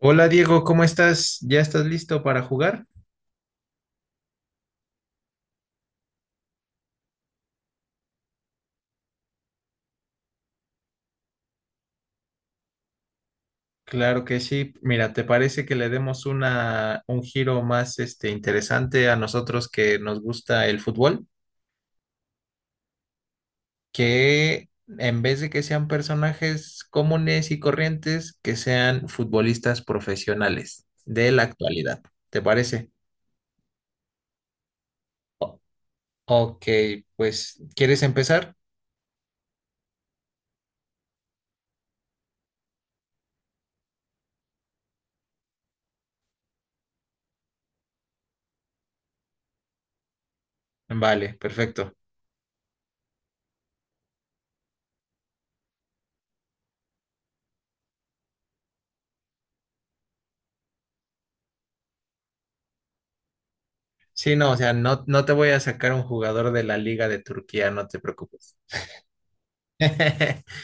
Hola Diego, ¿cómo estás? ¿Ya estás listo para jugar? Claro que sí. Mira, ¿te parece que le demos un giro más este, interesante a nosotros que nos gusta el fútbol? Que en vez de que sean personajes comunes y corrientes, que sean futbolistas profesionales de la actualidad. ¿Te parece? O- ok, pues, ¿quieres empezar? Vale, perfecto. Sí, no, o sea, no te voy a sacar un jugador de la Liga de Turquía, no te preocupes.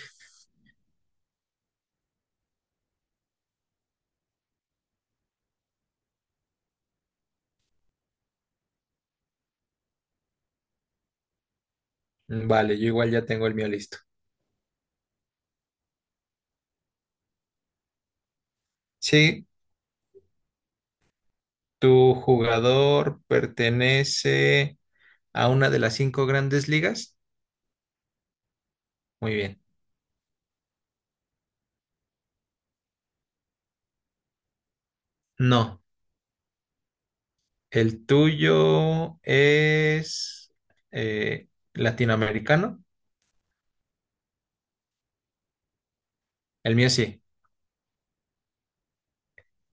Mm, vale, yo igual ya tengo el mío listo. Sí, tu jugador pertenece a una de las cinco grandes ligas. Muy bien. No, el tuyo es eh, latinoamericano. El mío sí.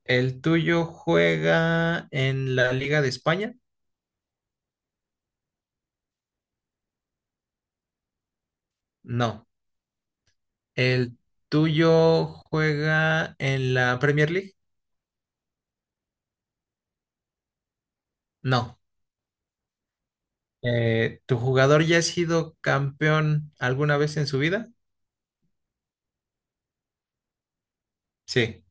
¿El tuyo juega en la Liga de España? No. ¿El tuyo juega en la Premier League? No. ¿Tu jugador ya ha sido campeón alguna vez en su vida? Sí.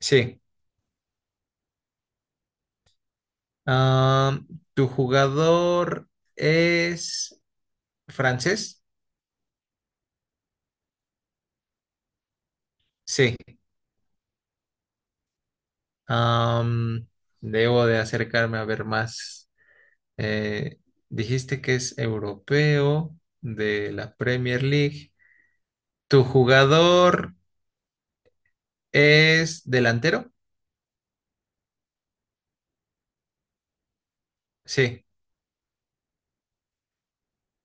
Sí. Ah, ¿tu jugador es francés? Sí. Am, Debo de acercarme a ver más. Eh, Dijiste que es europeo de la Premier League. ¿Tu jugador es delantero? Sí.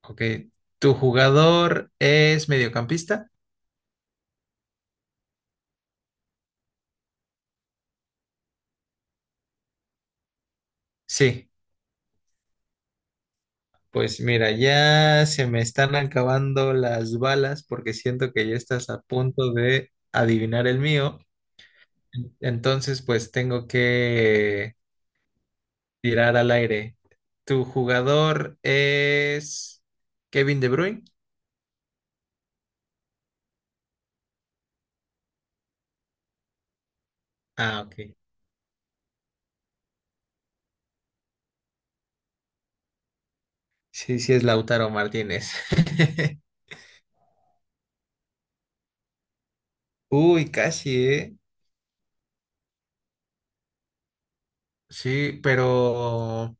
Ok. ¿Tu jugador es mediocampista? Sí. Pues mira, ya se me están acabando las balas porque siento que ya estás a punto de adivinar el mío. Entonces, pues tengo que tirar al aire. ¿Tu jugador es Kevin De Bruyne? Ah, ok. Sí, sí es Lautaro Martínez. Uy, casi, ¿eh? Sí, pero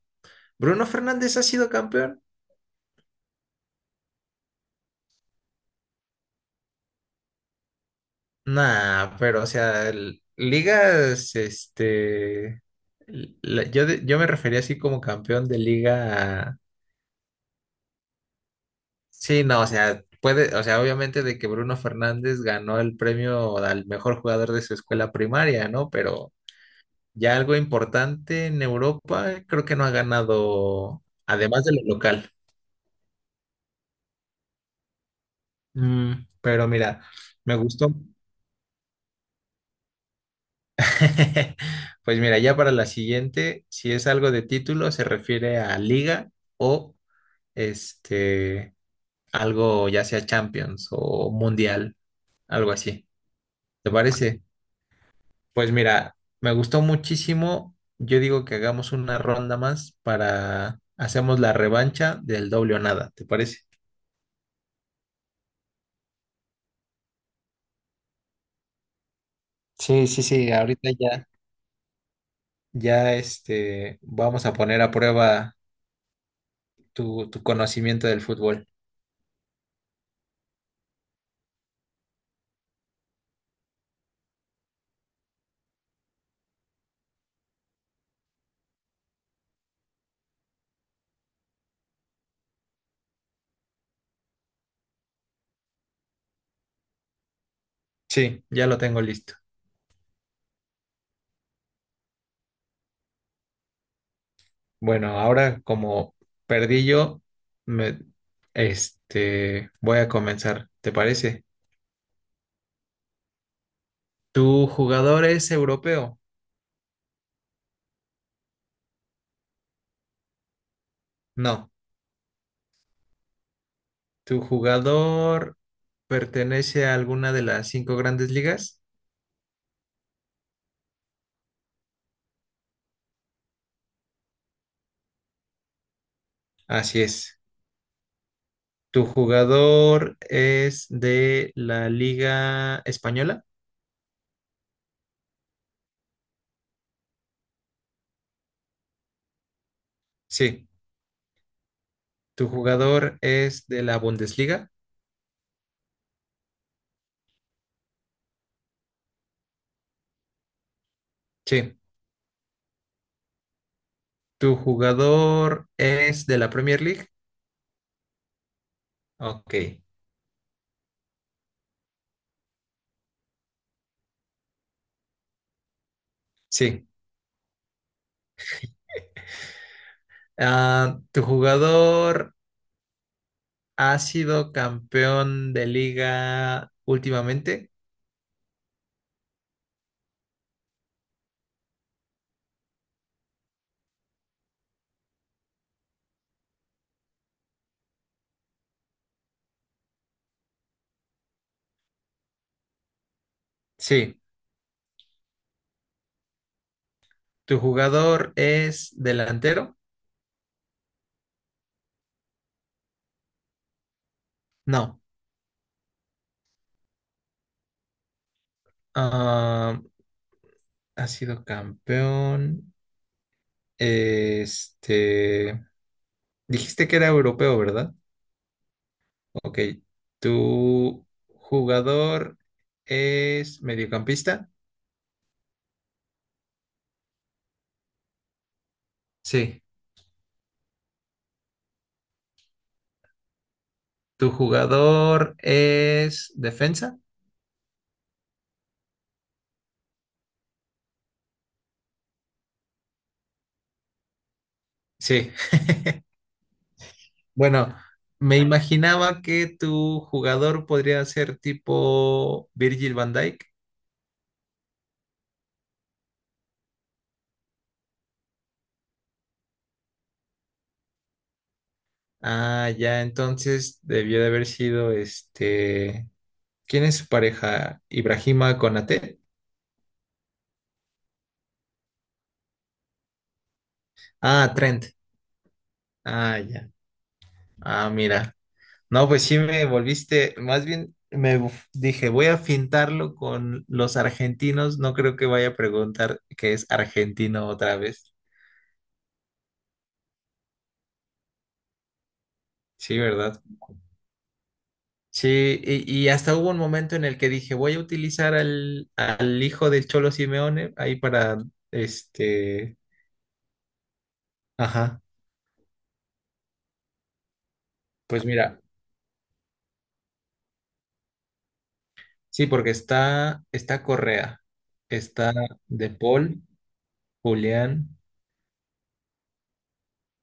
¿Bruno Fernández ha sido campeón? Nah, pero o sea, ligas, este, yo, yo me refería así como campeón de liga. Sí, no, o sea, puede, o sea, obviamente de que Bruno Fernández ganó el premio al mejor jugador de su escuela primaria, ¿no? Pero ya algo importante en Europa, creo que no ha ganado, además de lo local. Mm, pero mira, me gustó. Pues mira, ya para la siguiente, si es algo de título, se refiere a liga o este, algo ya sea Champions o Mundial, algo así. ¿Te parece? Pues mira, me gustó muchísimo. Yo digo que hagamos una ronda más para hacemos la revancha del doble o nada, ¿te parece? Sí, ahorita ya. Ya este, vamos a poner a prueba tu conocimiento del fútbol. Sí, ya lo tengo listo. Bueno, ahora como perdí yo, me, este, voy a comenzar, ¿te parece? ¿Tu jugador es europeo? No. ¿Tu jugador pertenece a alguna de las cinco grandes ligas? Así es. ¿Tu jugador es de la Liga Española? Sí. ¿Tu jugador es de la Bundesliga? Sí. ¿Tu jugador es de la Premier League? Ok. Sí. Ah, ¿tu jugador ha sido campeón de liga últimamente? Sí. ¿Tu jugador es delantero? No. Ah, ha sido campeón. Este. Dijiste que era europeo, ¿verdad? Ok. ¿Tu jugador es mediocampista? Sí. ¿Tu jugador es defensa? Sí. Bueno, me imaginaba que tu jugador podría ser tipo Virgil van Dijk. Ah, ya, entonces debió de haber sido este. ¿Quién es su pareja? ¿Ibrahima Konaté? Ah, Trent. Ah, ya. Ah, mira. No, pues sí me volviste. Más bien me dije, voy a fintarlo con los argentinos. No creo que vaya a preguntar que es argentino otra vez. Sí, ¿verdad? Sí, y hasta hubo un momento en el que dije, voy a utilizar al hijo del Cholo Simeone ahí para este. Ajá. Pues mira. Sí, está Correa, está De Paul, Julián,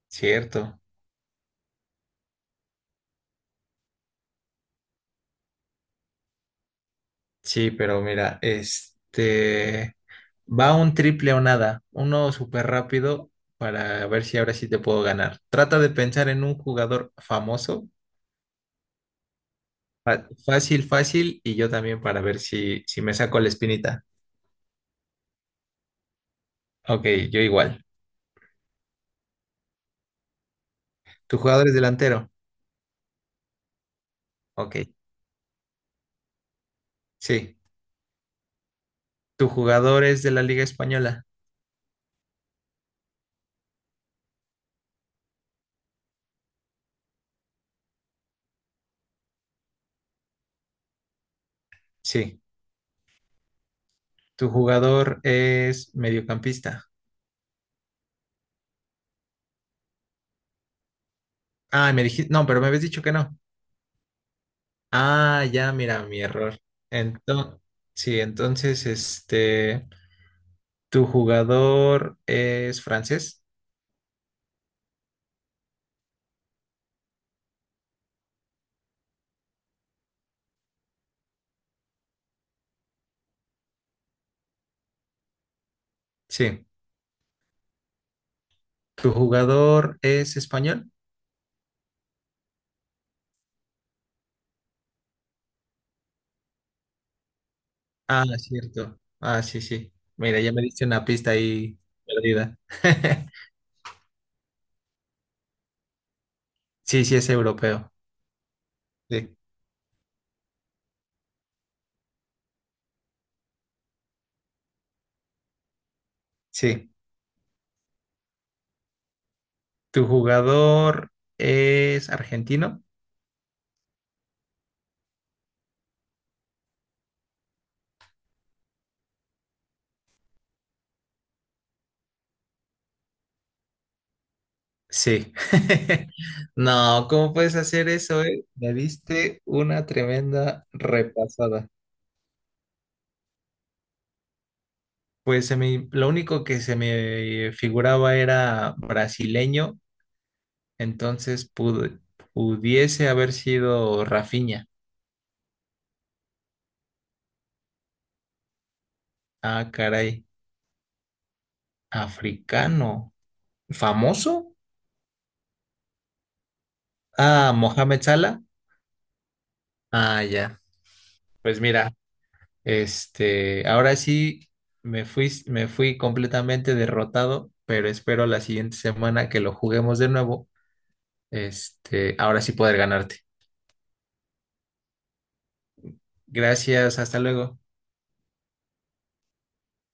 cierto. Sí, pero mira, este va un triple o nada, uno súper rápido para ver si ahora sí te puedo ganar. Trata de pensar en un jugador famoso, fácil, fácil, y yo también para ver si me saco la espinita. Ok, yo igual. ¿Tu jugador es delantero? Ok, sí. ¿Tu jugador es de la Liga Española? Sí. Tu jugador es mediocampista. Ah, me dijiste, no, pero me habías dicho que no. Ah, ya, mira, mi error. Entonces, sí, entonces, este, tu jugador es francés. Sí. ¿Tu jugador es español? Ah, cierto. Ah, sí, sí. Mira, ya me diste una pista ahí perdida. Sí, sí, es europeo. Sí. Sí. ¿Tu jugador es argentino? Sí. No, ¿cómo puedes hacer eso, eh? Me diste una tremenda repasada. Pues lo único que se me figuraba era brasileño, entonces pudiese haber sido Rafinha. Ah, caray, africano. ¿Famoso? Ah, Mohamed Salah. Ah, ya. Pues mira, este, ahora sí me fui completamente derrotado, pero espero la siguiente semana que lo juguemos de nuevo. Este, ahora sí poder ganarte. Gracias, hasta luego.